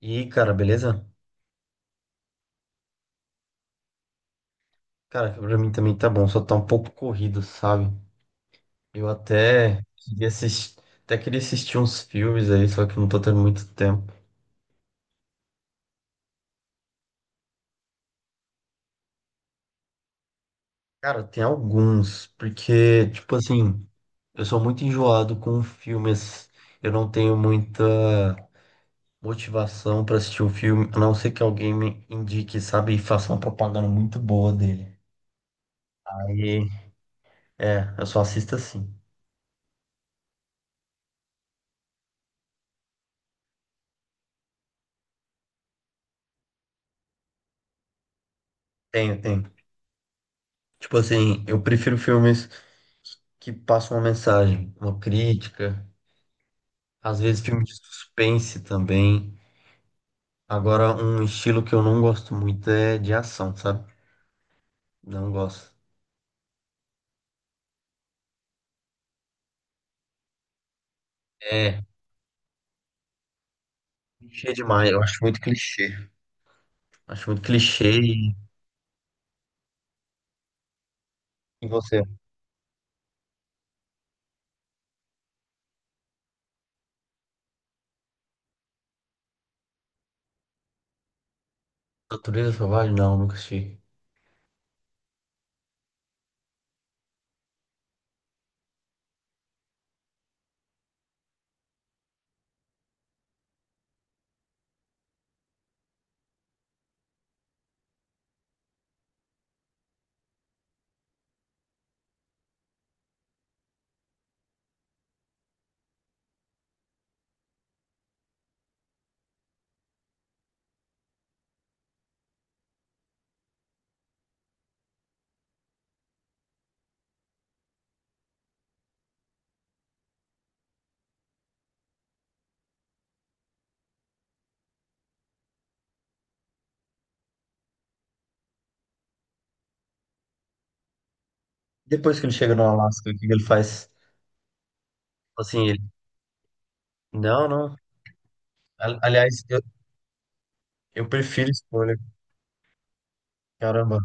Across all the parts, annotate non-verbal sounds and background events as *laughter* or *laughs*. E aí, cara, beleza? Cara, pra mim também tá bom, só tá um pouco corrido, sabe? Eu até queria assistir uns filmes aí, só que eu não tô tendo muito tempo. Cara, tem alguns, porque, tipo assim, eu sou muito enjoado com filmes. Eu não tenho muita motivação pra assistir um filme, a não ser que alguém me indique, sabe? E faça uma propaganda muito boa dele. Aí, é, eu só assisto assim. Tenho, tenho. Tipo assim, eu prefiro filmes que passa uma mensagem, uma crítica, às vezes filme de suspense também. Agora, um estilo que eu não gosto muito é de ação, sabe? Não gosto. É, clichê demais, eu acho muito clichê. Acho muito clichê. E você? Natureza Selvagem? Não, nunca assisti. Depois que ele chega no Alasca, o que que ele faz? Assim, ele. Não, não. Aliás, eu prefiro escolha. Caramba.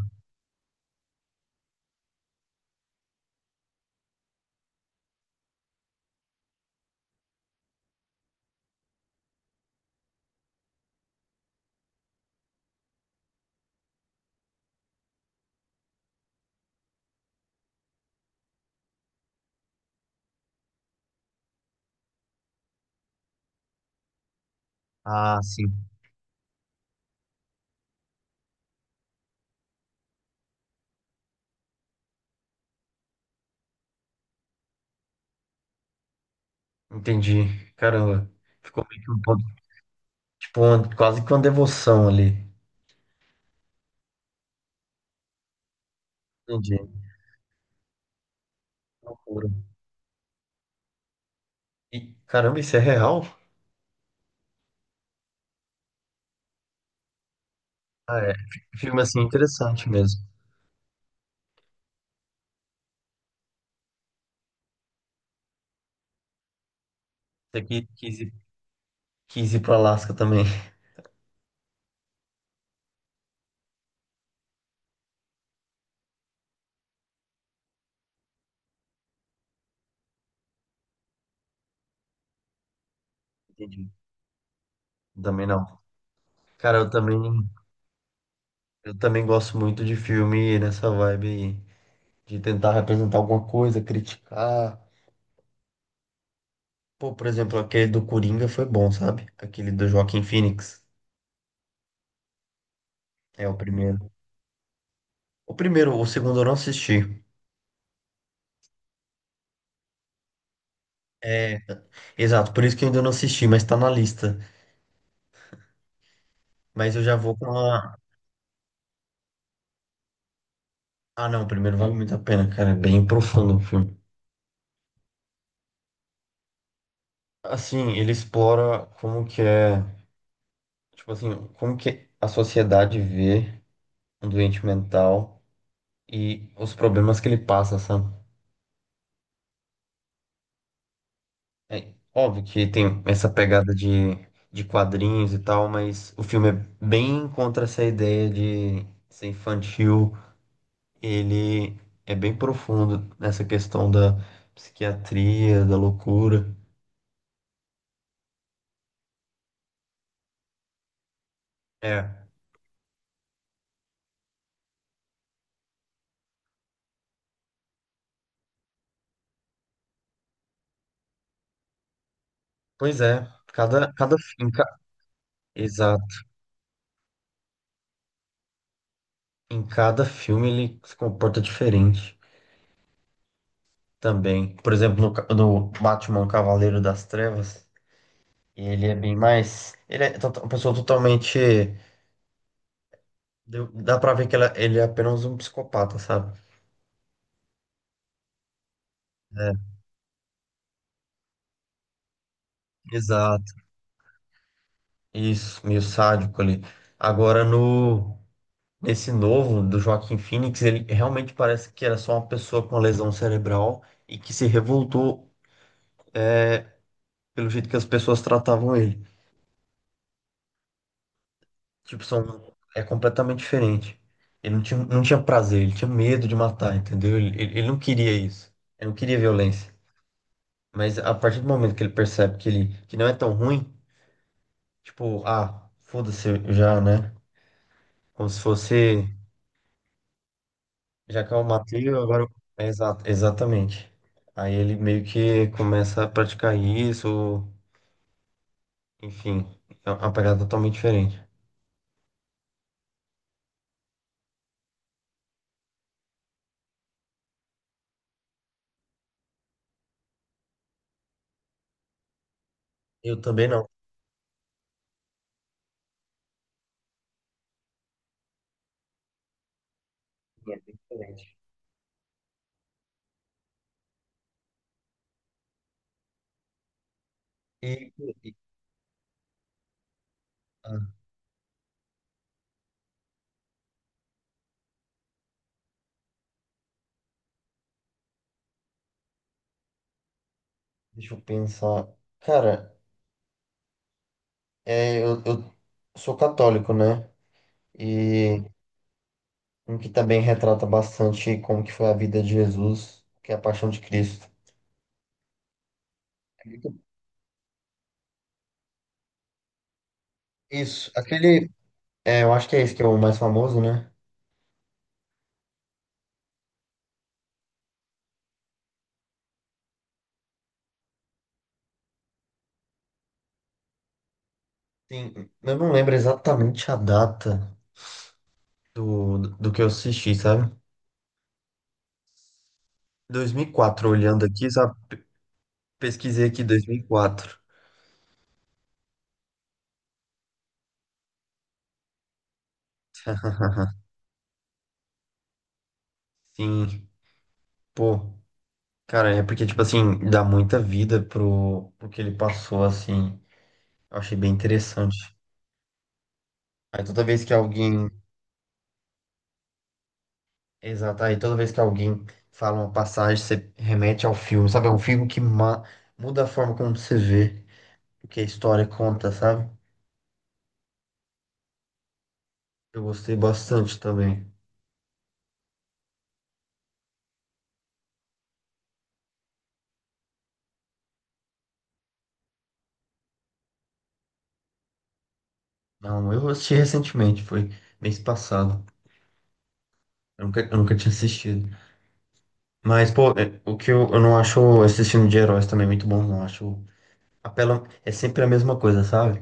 Ah, sim. Entendi. Caramba. Ficou meio que um ponto. Tipo, quase que uma devoção ali. Entendi. Ouro. E, caramba, isso é real? Ah, é. Filme assim interessante mesmo. Você que quis ir pro Alasca também. *laughs* Entendi. Também não. Cara, eu também gosto muito de filme nessa vibe aí, de tentar representar alguma coisa, criticar. Pô, por exemplo, aquele do Coringa foi bom, sabe? Aquele do Joaquin Phoenix. É o primeiro. O primeiro, o segundo eu não assisti. É, exato, por isso que eu ainda não assisti, mas tá na lista. Mas eu já vou com a. Ah, não, o primeiro vale muito a pena, cara. É bem profundo o filme. Assim, ele explora como que é, tipo assim, como que a sociedade vê um doente mental e os problemas que ele passa, sabe? É óbvio que tem essa pegada de quadrinhos e tal, mas o filme é bem contra essa ideia de ser infantil. Ele é bem profundo nessa questão da psiquiatria, da loucura. É, pois é. Cada, cada, em ca- exato. Em cada filme ele se comporta diferente também. Por exemplo, no Batman Cavaleiro das Trevas, ele é bem mais. Ele é uma pessoa totalmente. Dá pra ver que ele é apenas um psicopata, sabe? É, exato. Isso, meio sádico ali. Agora, no, nesse novo do Joaquim Phoenix, ele realmente parece que era só uma pessoa com uma lesão cerebral e que se revoltou pelo jeito que as pessoas tratavam ele. Tipo, são, é completamente diferente. Ele não tinha, não tinha prazer, ele tinha medo de matar, entendeu? Ele não queria isso. Ele não queria violência. Mas a partir do momento que ele percebe que ele que não é tão ruim, tipo, ah, foda-se eu já, né? Como se fosse, já que eu matei, eu agora. É, exatamente. Aí ele meio que começa a praticar isso, enfim, é uma pegada totalmente diferente. Eu também não. É bem diferente. E, e- ah, deixa eu pensar. Cara. É, eu sou católico, né? E Uhum. Um que também retrata bastante como que foi a vida de Jesus, que é a paixão de Cristo. Isso, aquele, é, eu acho que é esse que é o mais famoso, né? Sim, eu não lembro exatamente a data do que eu assisti, sabe? 2004 olhando aqui, sabe? Pesquisei aqui 2004. *laughs* Sim, pô, cara, é porque, tipo assim, dá muita vida pro que ele passou, assim. Eu achei bem interessante. Aí toda vez que alguém. Exato, aí toda vez que alguém fala uma passagem, você remete ao filme, sabe? É um filme que muda a forma como você vê o que a história conta, sabe? Eu gostei bastante também. Não, eu assisti recentemente, foi mês passado. Eu nunca tinha assistido. Mas, pô, é, o que eu não acho esse filme de heróis também muito bom, não. Acho. Apela, é sempre a mesma coisa, sabe?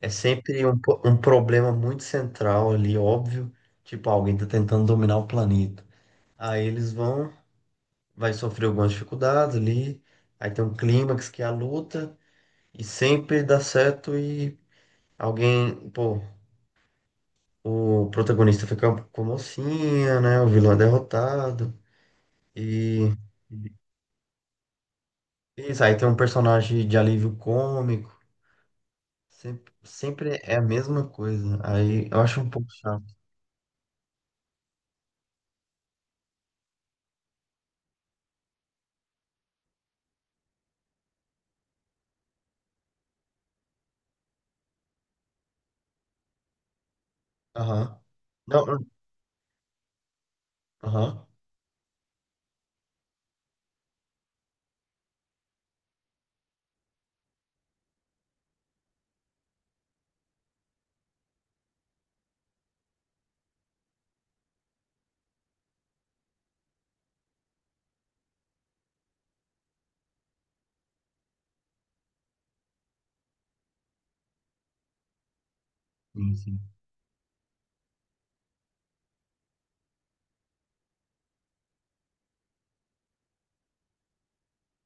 É sempre um problema muito central ali, óbvio. Tipo, alguém tá tentando dominar o planeta. Aí eles vão, vai sofrer algumas dificuldades ali, aí tem um clímax que é a luta, e sempre dá certo e alguém, pô, o protagonista fica com a mocinha, né? O vilão é derrotado. E isso, aí tem um personagem de alívio cômico. Sempre, sempre é a mesma coisa. Aí eu acho um pouco chato. Aham. Não, eu- aham. Sim, sim.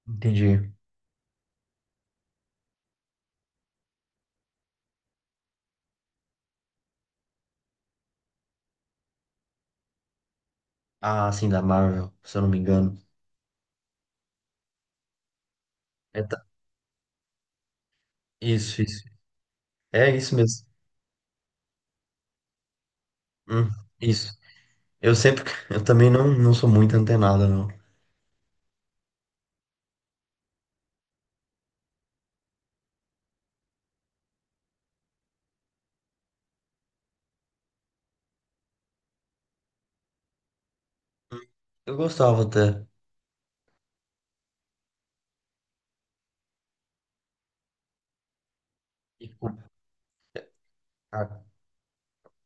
Entendi. Ah, sim, da Marvel, se eu não me engano. É, tá- Isso, isso. É isso mesmo. Hum, isso. Eu sempre. *laughs* Eu também não, não sou muito antenado, não. Eu gostava até. Tipo, ah,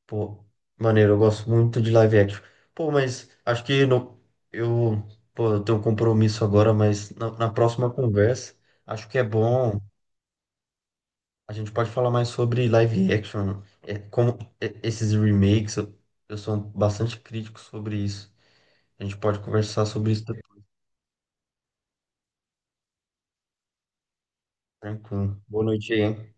pô, maneiro, eu gosto muito de live action. Pô, mas acho que não, eu, pô, eu tenho um compromisso agora, mas na próxima conversa, acho que é bom. A gente pode falar mais sobre live action. É, como é, esses remakes, eu sou bastante crítico sobre isso. A gente pode conversar sobre isso depois, tranquilo. Boa noite aí, hein?